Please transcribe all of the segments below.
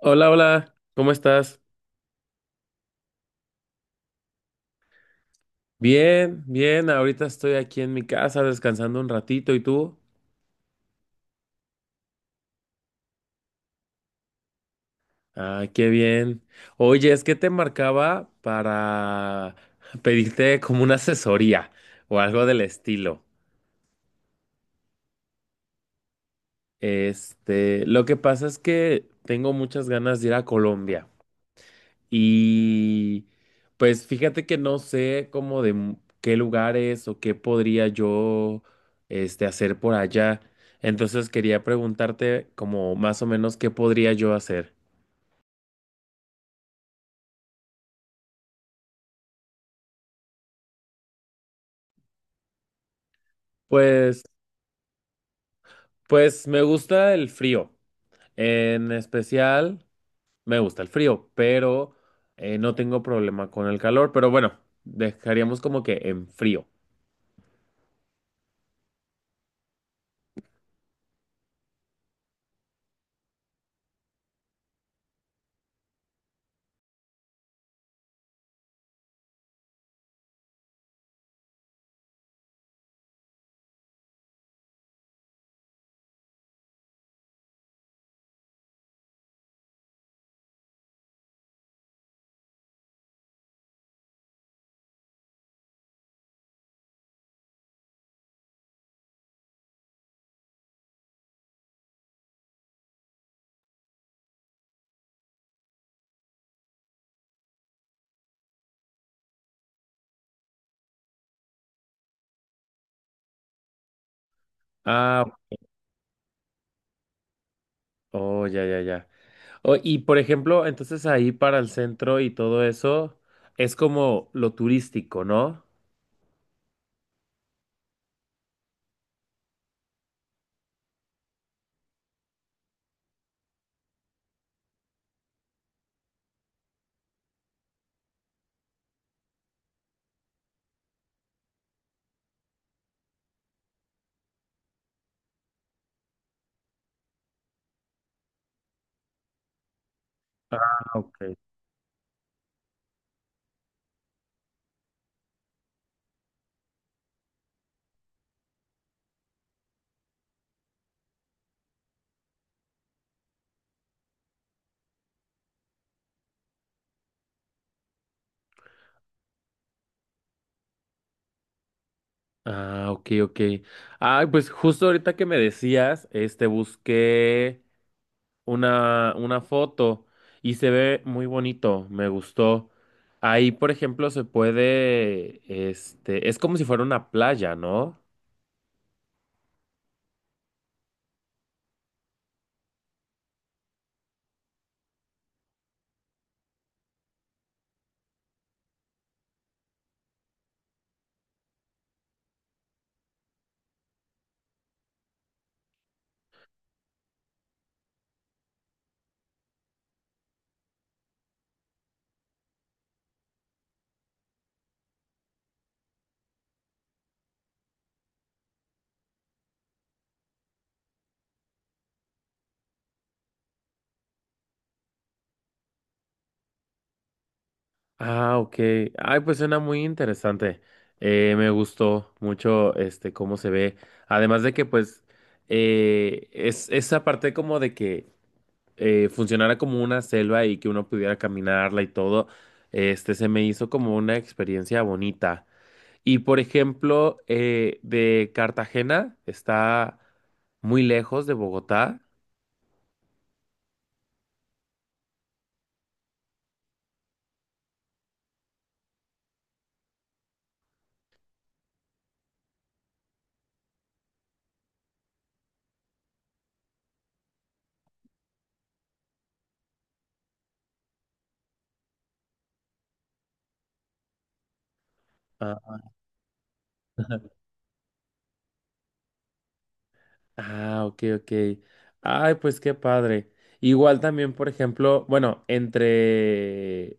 Hola, hola, ¿cómo estás? Bien, bien, ahorita estoy aquí en mi casa descansando un ratito, ¿y tú? Ah, qué bien. Oye, es que te marcaba para pedirte como una asesoría o algo del estilo. Este, lo que pasa es que tengo muchas ganas de ir a Colombia. Y pues fíjate que no sé cómo qué lugares o qué podría yo este hacer por allá. Entonces quería preguntarte como más o menos qué podría yo hacer. Pues pues me gusta el frío. En especial me gusta el frío, pero no tengo problema con el calor, pero bueno, dejaríamos como que en frío. Ah, oh, ya, ya, ya. Oh, y por ejemplo, entonces ahí para el centro y todo eso es como lo turístico, ¿no? Ah, ok. Ah, ok, ok. Ay, pues justo ahorita que me decías, este, busqué una foto y se ve muy bonito, me gustó. Ahí, por ejemplo, se puede, este, es como si fuera una playa, ¿no? Ah, ok. Ay, pues suena muy interesante. Me gustó mucho, este, cómo se ve. Además de que, pues, es esa parte como de que funcionara como una selva y que uno pudiera caminarla y todo, este, se me hizo como una experiencia bonita. Y por ejemplo, de Cartagena está muy lejos de Bogotá. Ah, ok, ok. Ay, pues qué padre. Igual también, por ejemplo, bueno, entre...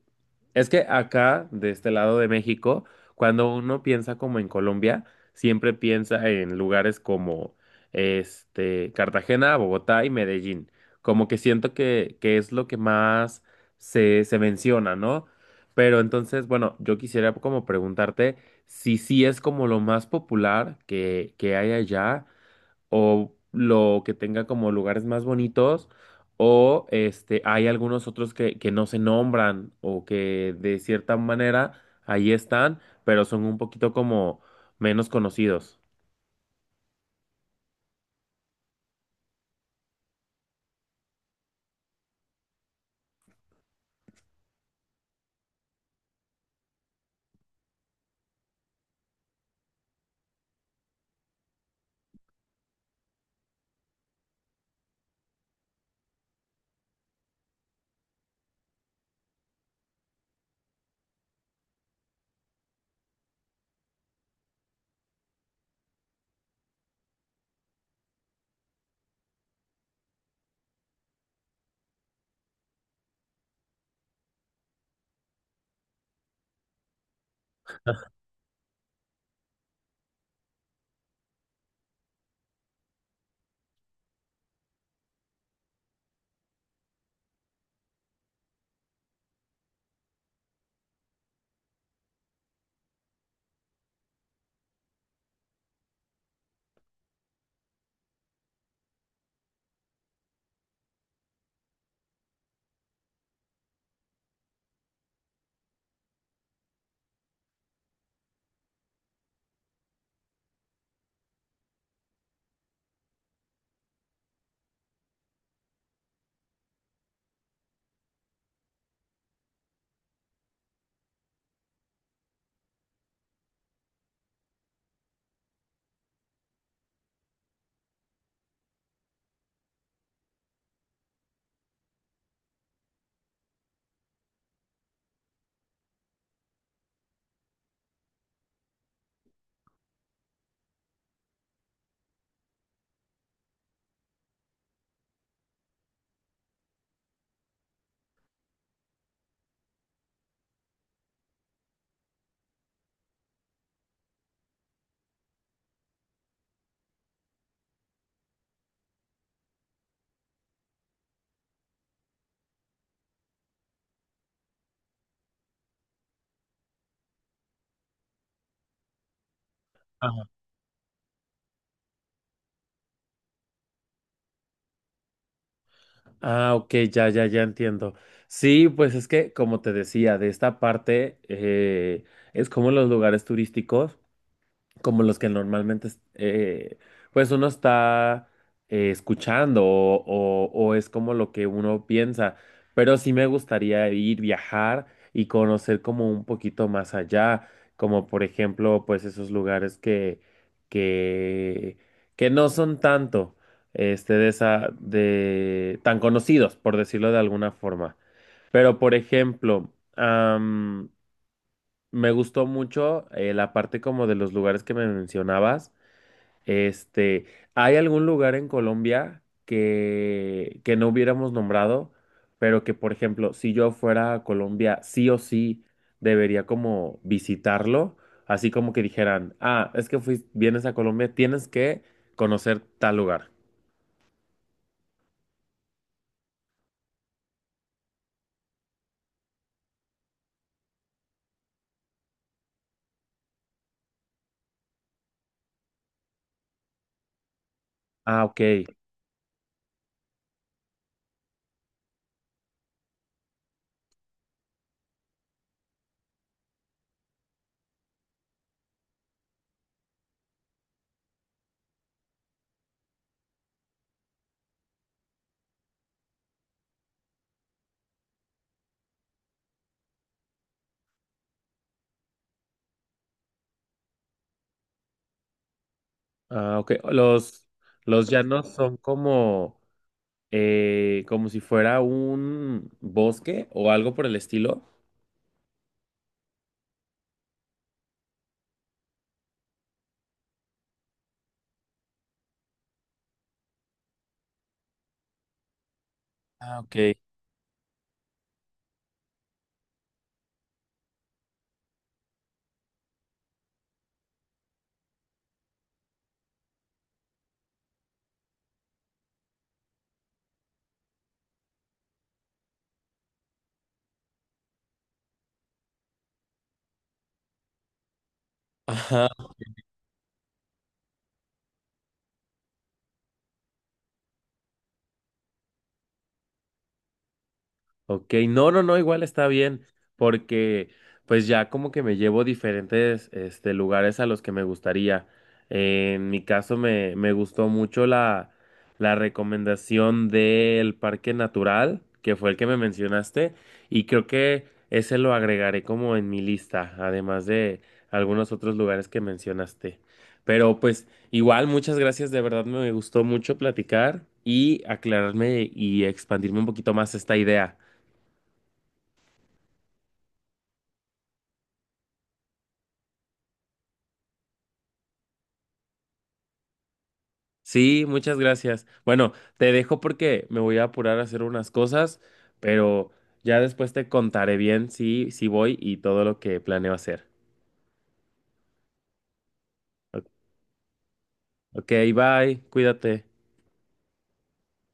Es que acá, de este lado de México, cuando uno piensa como en Colombia, siempre piensa en lugares como, este, Cartagena, Bogotá y Medellín. Como que siento que es lo que más se menciona, ¿no? Pero entonces, bueno, yo quisiera como preguntarte si sí es como lo más popular que hay allá o lo que tenga como lugares más bonitos, o este, hay algunos otros que no se nombran o que de cierta manera ahí están, pero son un poquito como menos conocidos. Ah, ok, ya, ya, ya entiendo. Sí, pues es que, como te decía, de esta parte es como los lugares turísticos, como los que normalmente, eh, pues uno está escuchando o es como lo que uno piensa, pero sí me gustaría ir, viajar y conocer como un poquito más allá, como por ejemplo, pues esos lugares que, que no son tanto, este, de esa, de, tan conocidos, por decirlo de alguna forma. Pero por ejemplo, me gustó mucho la parte como de los lugares que me mencionabas. Este, ¿hay algún lugar en Colombia que no hubiéramos nombrado, pero que, por ejemplo, si yo fuera a Colombia, sí o sí debería como visitarlo? Así como que dijeran, ah, es que vienes a Colombia, tienes que conocer tal lugar. Ah, ok. Ah, ok. Los llanos son como... como si fuera un bosque o algo por el estilo. Ah, ok. Ajá. Ok, no, no, no, igual está bien, porque pues ya como que me llevo diferentes este, lugares a los que me gustaría. En mi caso me gustó mucho la recomendación del Parque Natural, que fue el que me mencionaste, y creo que ese lo agregaré como en mi lista, además de algunos otros lugares que mencionaste. Pero pues igual, muchas gracias, de verdad me gustó mucho platicar y aclararme y expandirme un poquito más esta idea. Sí, muchas gracias. Bueno, te dejo porque me voy a apurar a hacer unas cosas, pero ya después te contaré bien si, si voy y todo lo que planeo hacer. Ok, bye, cuídate.